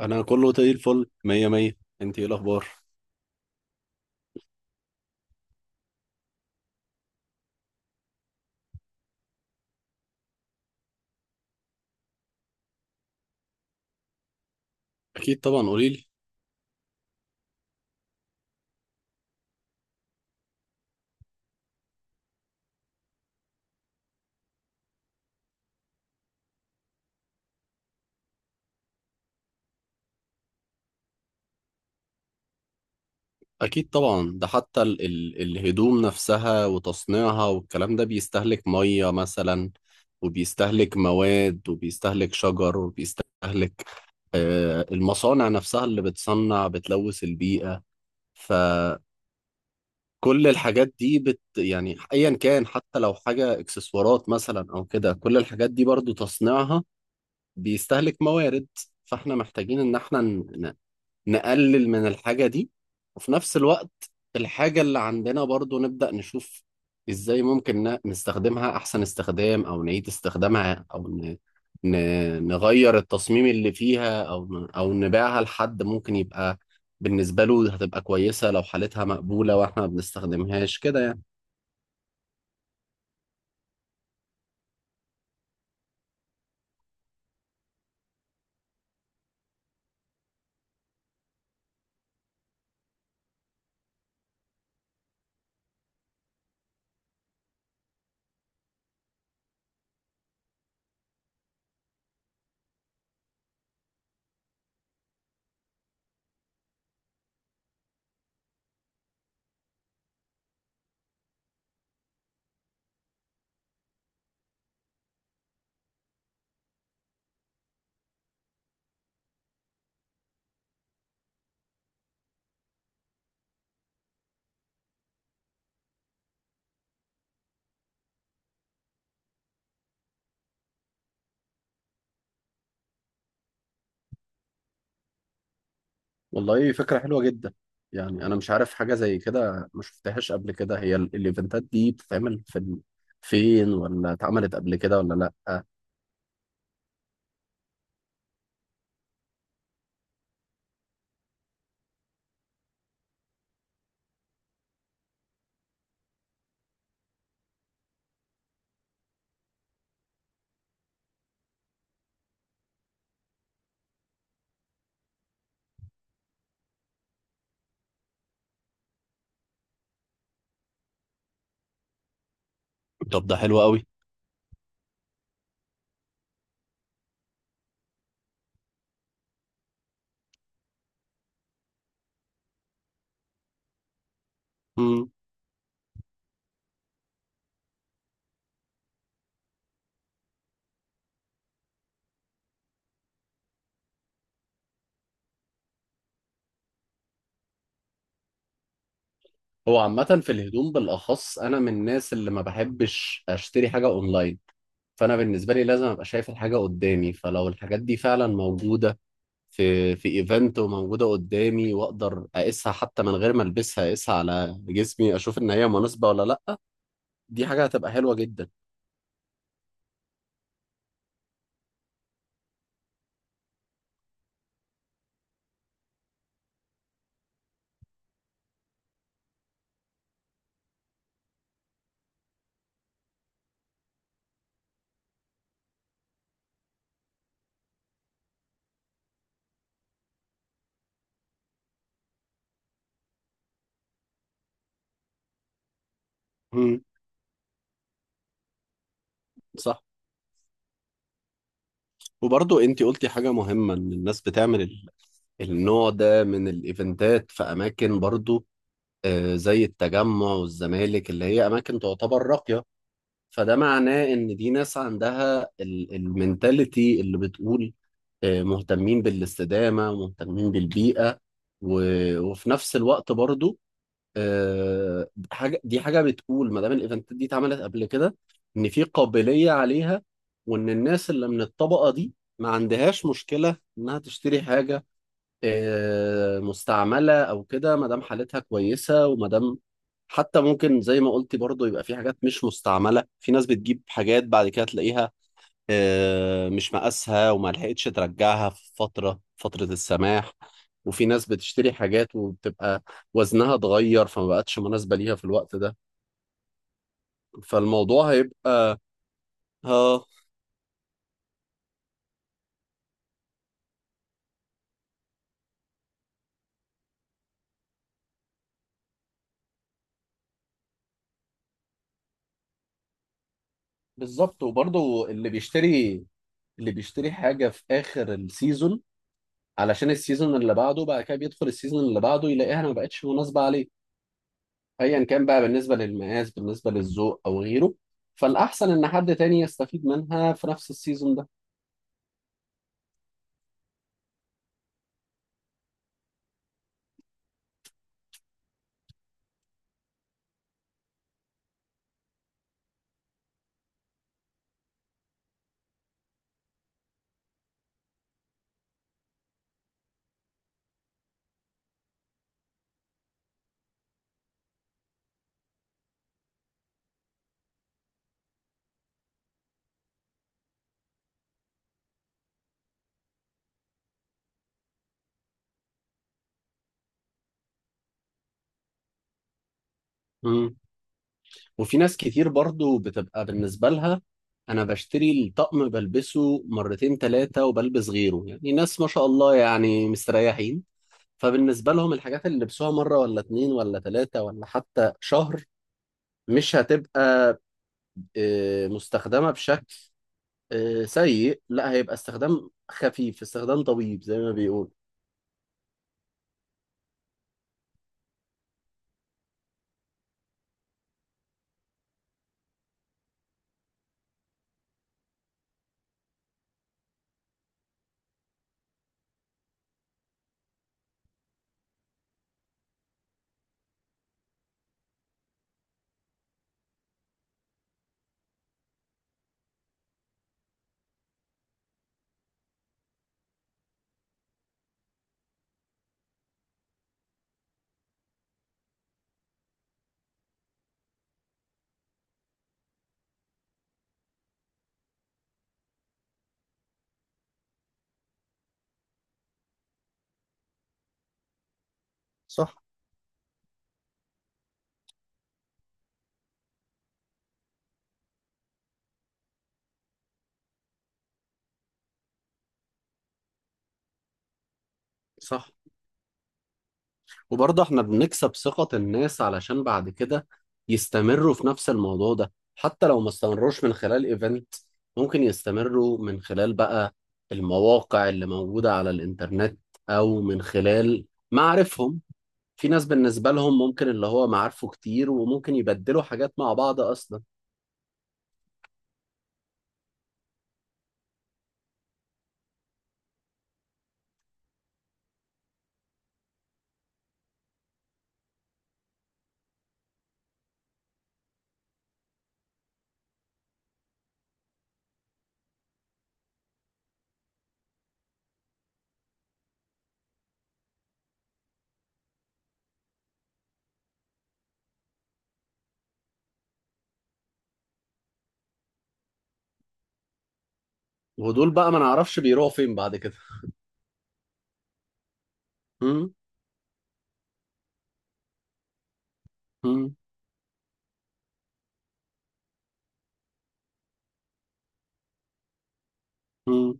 انا كله زي الفل مية مية. انت ايه الاخبار؟ اكيد طبعا قوليلي. اكيد طبعا، ده حتى ال الهدوم نفسها وتصنيعها والكلام ده بيستهلك مية مثلا، وبيستهلك مواد وبيستهلك شجر وبيستهلك المصانع نفسها اللي بتصنع بتلوث البيئة. فكل الحاجات دي يعني ايا كان، حتى لو حاجة اكسسوارات مثلا او كده، كل الحاجات دي برضو تصنيعها بيستهلك موارد. فاحنا محتاجين ان احنا نقلل من الحاجة دي. وفي نفس الوقت، الحاجة اللي عندنا برضو نبدأ نشوف ازاي ممكن نستخدمها أحسن استخدام، أو نعيد استخدامها، أو ن... نغير التصميم اللي فيها، أو أو نبيعها لحد ممكن يبقى بالنسبة له هتبقى كويسة لو حالتها مقبولة وإحنا ما بنستخدمهاش كده يعني. والله فكرة حلوة جدا. يعني أنا مش عارف، حاجة زي كده ما شفتهاش قبل كده. هي الإيفنتات دي بتتعمل في فين، ولا اتعملت قبل كده ولا لأ؟ طب ده حلو قوي. مم. هو عامة في الهدوم بالأخص أنا من الناس اللي ما بحبش أشتري حاجة أونلاين. فأنا بالنسبة لي لازم أبقى شايف الحاجة قدامي، فلو الحاجات دي فعلا موجودة في إيفنت وموجودة قدامي وأقدر أقيسها حتى من غير ما ألبسها، أقيسها على جسمي أشوف إن هي مناسبة ولا لأ، دي حاجة هتبقى حلوة جدا. مم. صح. وبرضو انت قلتي حاجة مهمة، ان الناس بتعمل النوع ده من الايفنتات في اماكن برضو، زي التجمع والزمالك اللي هي اماكن تعتبر راقيه. فده معناه ان دي ناس عندها المنتاليتي اللي بتقول مهتمين بالاستدامه ومهتمين بالبيئه. وفي نفس الوقت برضو دي حاجه بتقول ما دام الايفنتات دي اتعملت قبل كده، ان في قابليه عليها، وان الناس اللي من الطبقه دي ما عندهاش مشكله انها تشتري حاجه مستعملة أو كده، ما دام حالتها كويسة وما دام، حتى ممكن زي ما قلتي برضو، يبقى في حاجات مش مستعملة. في ناس بتجيب حاجات بعد كده تلاقيها مش مقاسها وما لحقتش ترجعها في فترة السماح. وفي ناس بتشتري حاجات وبتبقى وزنها اتغير فما بقتش مناسبة ليها في الوقت ده. فالموضوع هيبقى. اه. بالظبط. وبرضو اللي بيشتري حاجة في آخر السيزون علشان السيزون اللي بعده، بقى كده بيدخل السيزون اللي بعده يلاقيها ما بقتش مناسبة عليه، ايا كان بقى، بالنسبة للمقاس بالنسبة للذوق او غيره. فالاحسن ان حد تاني يستفيد منها في نفس السيزون ده. مم. وفي ناس كتير برضو بتبقى بالنسبة لها، انا بشتري الطقم بلبسه مرتين ثلاثة وبلبس غيره، يعني ناس ما شاء الله يعني مستريحين. فبالنسبة لهم الحاجات اللي لبسوها مرة ولا اتنين ولا ثلاثة ولا حتى شهر مش هتبقى مستخدمة بشكل سيء، لا هيبقى استخدام خفيف، استخدام طبيب زي ما بيقول. صح. صح. وبرضه احنا بنكسب ثقة الناس علشان بعد كده يستمروا في نفس الموضوع ده، حتى لو ما استمروش من خلال ايفنت ممكن يستمروا من خلال بقى المواقع اللي موجودة على الانترنت، او من خلال معارفهم. في ناس بالنسبة لهم ممكن، اللي هو معارفه كتير وممكن يبدلوا حاجات مع بعض اصلا. ودول بقى ما نعرفش بيروحوا فين بعد كده. م؟ م؟ م.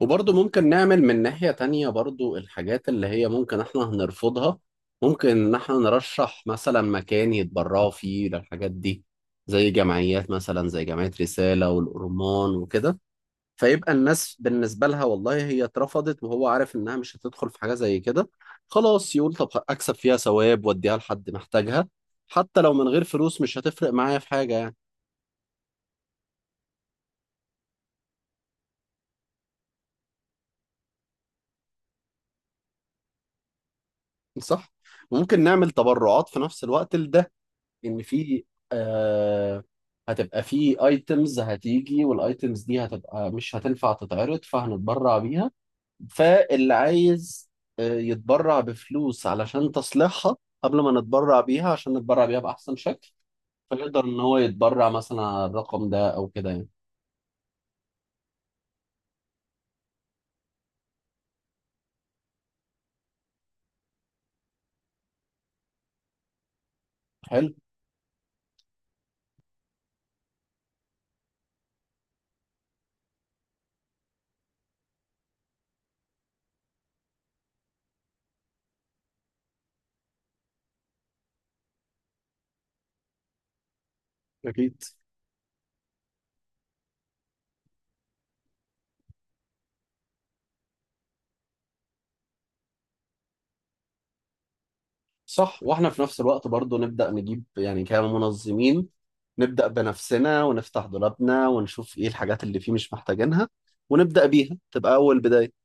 وبرضه ممكن نعمل من ناحية تانية برضه، الحاجات اللي هي ممكن احنا هنرفضها ممكن ان احنا نرشح مثلا مكان يتبرعوا فيه للحاجات دي، زي جمعيات مثلا، زي جمعية رسالة والأورمان وكده. فيبقى الناس بالنسبة لها والله هي اترفضت وهو عارف انها مش هتدخل في حاجة زي كده، خلاص يقول طب اكسب فيها ثواب واديها لحد محتاجها. حتى لو من غير فلوس مش هتفرق معايا في حاجة يعني. صح؟ ممكن نعمل تبرعات في نفس الوقت لده، ان في آه هتبقى في ايتمز هتيجي، والايتمز دي هتبقى مش هتنفع تتعرض فهنتبرع بيها. فاللي عايز يتبرع بفلوس علشان تصليحها قبل ما نتبرع بيها، عشان نتبرع بيها بأحسن شكل، فيقدر ان هو يتبرع مثلا على الرقم ده او كده يعني. حلو. أكيد. صح، واحنا في نفس الوقت برضو نبدأ نجيب، يعني كمنظمين نبدأ بنفسنا ونفتح دولابنا ونشوف ايه الحاجات اللي فيه مش محتاجينها، ونبدأ بيها تبقى أول بداية.